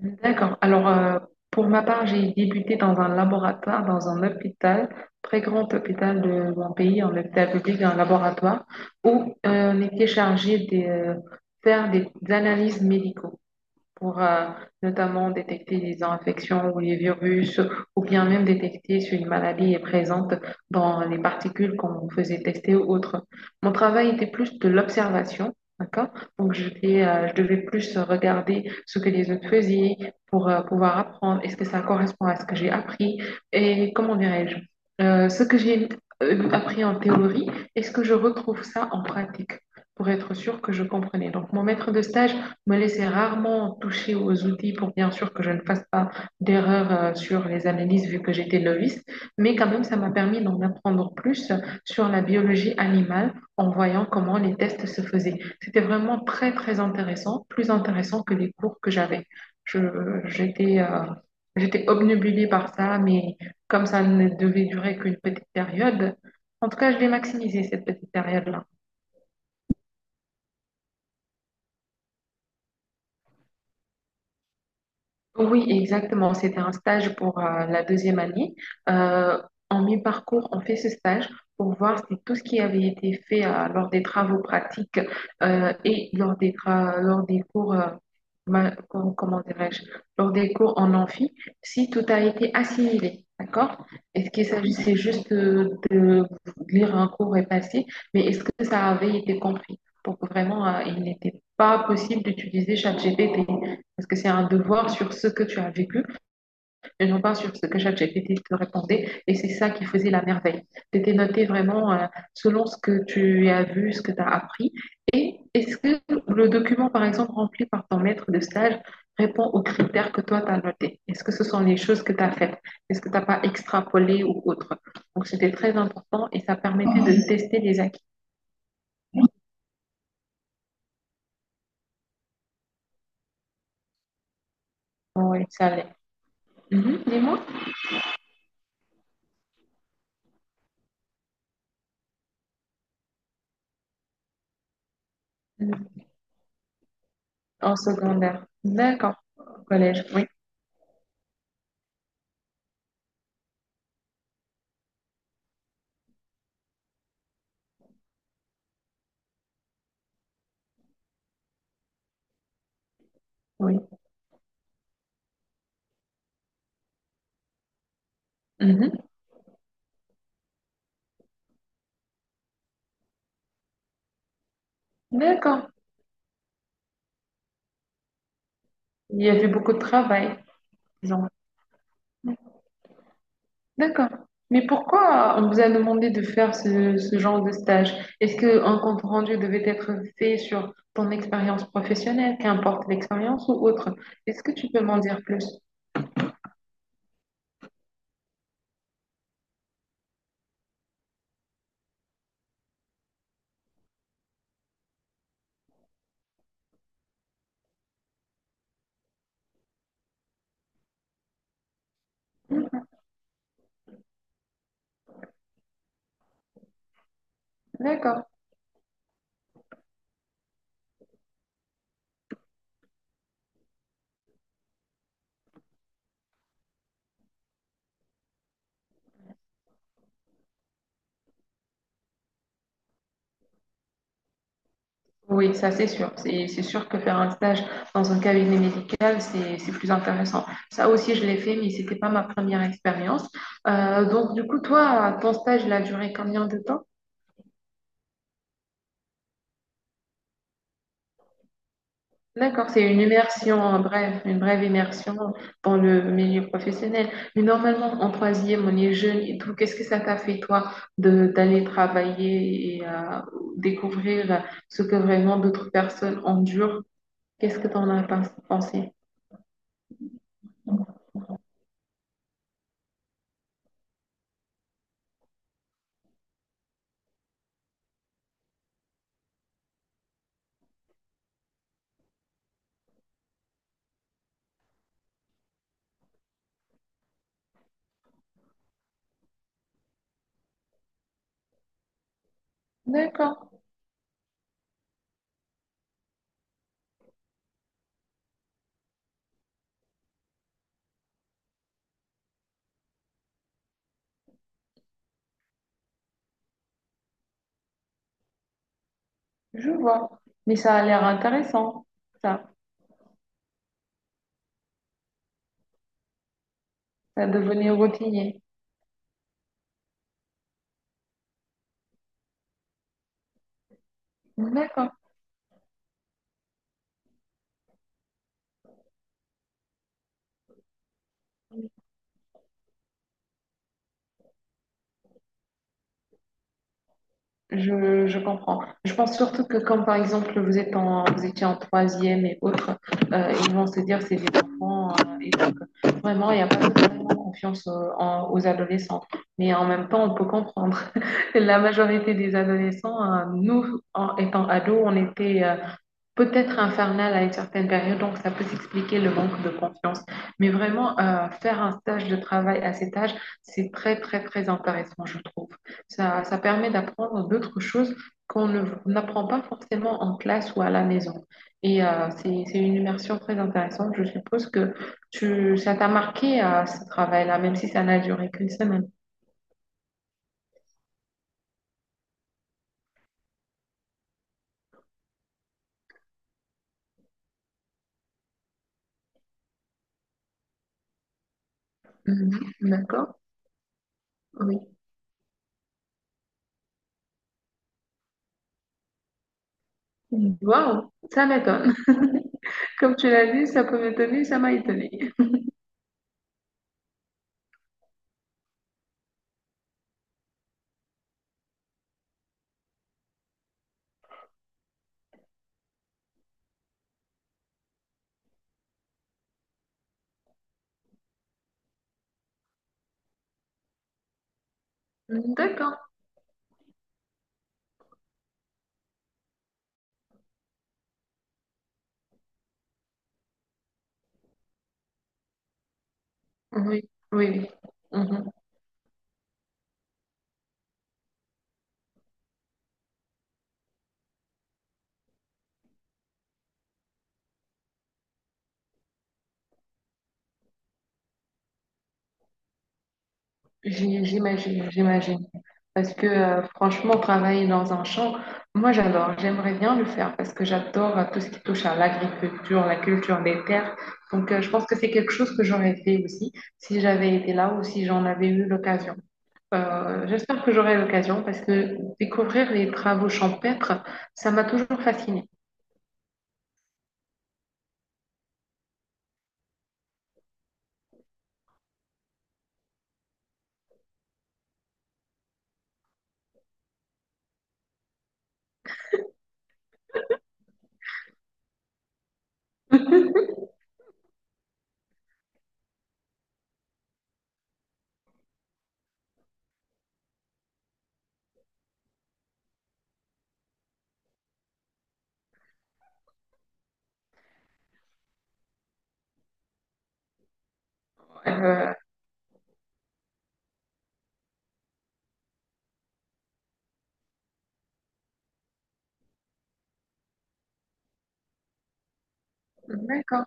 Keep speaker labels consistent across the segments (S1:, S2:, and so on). S1: D'accord. Pour ma part, j'ai débuté dans un laboratoire, dans un hôpital, très grand hôpital de mon pays, un hôpital public, un laboratoire, où on était chargé de faire des analyses médicaux pour notamment détecter les infections ou les virus, ou bien même détecter si une maladie est présente dans les particules qu'on faisait tester ou autre. Mon travail était plus de l'observation, d'accord? Donc, je devais plus regarder ce que les autres faisaient pour pouvoir apprendre. Est-ce que ça correspond à ce que j'ai appris? Et comment dirais-je? Ce que j'ai appris en théorie, est-ce que je retrouve ça en pratique? Pour être sûr que je comprenais. Donc, mon maître de stage me laisser rarement toucher aux outils pour bien sûr que je ne fasse pas d'erreur sur les analyses vu que j'étais novice, mais quand même ça m'a permis d'en apprendre plus sur la biologie animale en voyant comment les tests se faisaient. C'était vraiment très très intéressant, plus intéressant que les cours que j'avais. Je, j'étais J'étais obnubilée par ça, mais comme ça ne devait durer qu'une petite période, en tout cas je l'ai maximisé cette petite période-là. Oui, exactement. C'était un stage pour la deuxième année. Euh, en mi-parcours, on fait ce stage pour voir si tout ce qui avait été fait lors des travaux pratiques et lors lors des cours, comment dirais-je, lors des cours en amphi, si tout a été assimilé. D'accord? Est-ce qu'il s'agissait juste de lire un cours et passer, mais est-ce que ça avait été compris? Pour que vraiment, il n'était pas possible d'utiliser ChatGPT. Parce que c'est un devoir sur ce que tu as vécu, mais non pas sur ce que ChatGPT te répondait. Et c'est ça qui faisait la merveille. Tu étais noté vraiment selon ce que tu as vu, ce que tu as appris. Et est-ce que le document, par exemple, rempli par ton maître de stage répond aux critères que toi, tu as notés? Est-ce que ce sont les choses que tu as faites? Est-ce que tu n'as pas extrapolé ou autre? Donc, c'était très important et ça permettait de tester les acquis. Oui, ça allait. Mhm. Dis-moi. En secondaire. D'accord. Au collège, oui. Oui. Mhm. D'accord. Il y avait beaucoup de travail, disons. D'accord. Mais pourquoi on vous a demandé de faire ce genre de stage? Est-ce qu'un compte rendu devait être fait sur ton expérience professionnelle, qu'importe l'expérience ou autre? Est-ce que tu peux m'en dire plus? D'accord. Oui, ça c'est sûr. C'est sûr que faire un stage dans un cabinet médical, c'est plus intéressant. Ça aussi, je l'ai fait, mais c'était pas ma première expérience. Donc, du coup, toi, ton stage, il a duré combien de temps? D'accord, c'est une immersion, bref, une brève immersion dans le milieu professionnel. Mais normalement, en troisième, on est jeune et tout. Qu'est-ce que ça t'a fait, toi, de d'aller travailler et découvrir ce que vraiment d'autres personnes endurent? Qu'est-ce que pensé? D'accord, je vois. Mais ça a l'air intéressant, ça. Ça devenait routinier. D'accord. Je comprends. Je pense surtout que comme par exemple vous êtes vous étiez en troisième et autres, ils vont se dire c'est des enfants et donc vraiment il n'y a pas vraiment confiance aux adolescents. Mais en même temps on peut comprendre. La majorité des adolescents, nous en étant ados, on était peut-être infernal à une certaine période, donc ça peut s'expliquer le manque de confiance. Mais vraiment, faire un stage de travail à cet âge, c'est très, très, très intéressant, je trouve. Ça permet d'apprendre d'autres choses qu'on n'apprend pas forcément en classe ou à la maison. Et c'est une immersion très intéressante. Je suppose que ça t'a marqué à ce travail-là, même si ça n'a duré qu'une semaine. Mhm. D'accord? Oui. Waouh, ça m'étonne. Comme tu l'as dit, ça peut m'étonner, ça m'a étonné. D'accord. Oui, oui, oui. Mhm. J'imagine, j'imagine. Parce que franchement, travailler dans un champ, moi j'adore, j'aimerais bien le faire parce que j'adore tout ce qui touche à l'agriculture, la culture des terres. Donc, je pense que c'est quelque chose que j'aurais fait aussi si j'avais été là ou si j'en avais eu l'occasion. J'espère que j'aurai l'occasion parce que découvrir les travaux champêtres, ça m'a toujours fascinée. Euh, D'accord.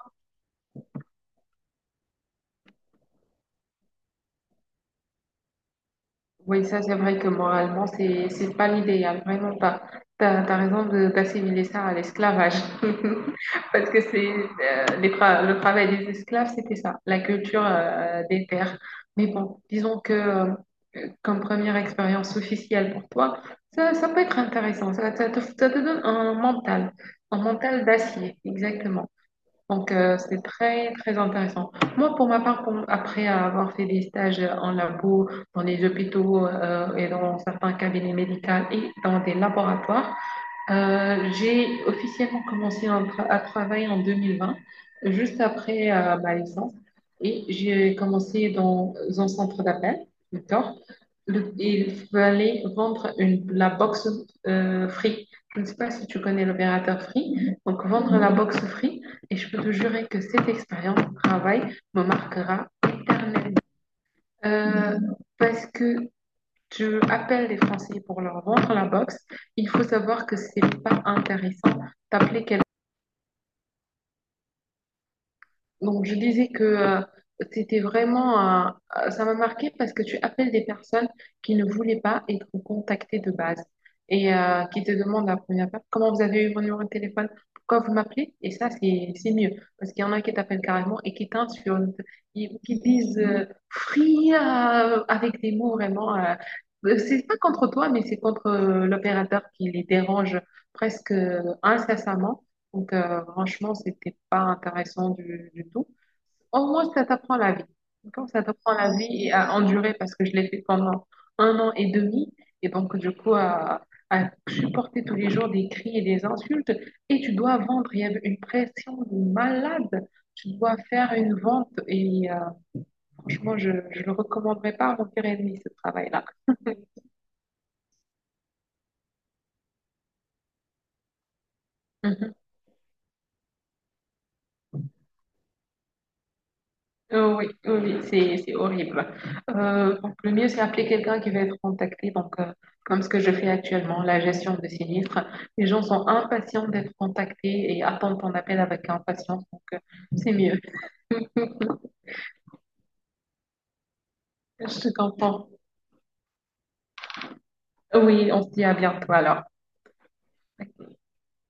S1: Oui, ça c'est vrai que moralement, c'est pas l'idéal, vraiment pas. T'as raison d'assimiler ça à l'esclavage. Parce que c'est le travail des esclaves, c'était ça, la culture des terres. Mais bon, disons que comme première expérience officielle pour toi, ça peut être intéressant. Ça te donne un mental d'acier, exactement. Donc, c'est très, très intéressant. Moi, pour ma part, après avoir fait des stages en labo, dans les hôpitaux et dans certains cabinets médicaux et dans des laboratoires, j'ai officiellement commencé un à travailler en 2020, juste après ma licence. Et j'ai commencé dans un centre d'appel, d'accord? Le- il fallait vendre la box Free. Je ne sais pas si tu connais l'opérateur Free. Donc, vendre la box Free, et je peux te jurer que cette expérience de travail me marquera éternellement. Euh, parce que tu appelles les Français pour leur vendre la box, il faut savoir que c'est pas intéressant d'appeler quelqu'un. Donc, je disais que c'était vraiment, ça m'a marqué parce que tu appelles des personnes qui ne voulaient pas être contactées de base et qui te demandent à la première part, comment vous avez eu mon numéro de téléphone, pourquoi vous m'appelez? Et ça, c'est mieux parce qu'il y en a qui t'appellent carrément et qui t'insultent, qui disent Free, avec des mots vraiment. C'est pas contre toi, mais c'est contre l'opérateur qui les dérange presque incessamment. Donc, franchement, c'était pas intéressant du tout. Au moins, ça t'apprend la vie. D'accord? Ça t'apprend la vie et à endurer parce que je l'ai fait pendant 1 an et demi. Et donc, du coup, à supporter tous les jours des cris et des insultes. Et tu dois vendre. Il y avait une pression de malade. Tu dois faire une vente. Et franchement, je ne le recommanderais pas à mon pire ennemi, ce travail-là. Mhm. Oui, oui, oui, c'est horrible. Donc, le mieux, c'est appeler quelqu'un qui va être contacté. Donc, comme ce que je fais actuellement, la gestion de sinistres. Les gens sont impatients d'être contactés et attendent ton appel avec impatience. Donc, c'est mieux. Je te comprends. Oui, on se dit à bientôt alors.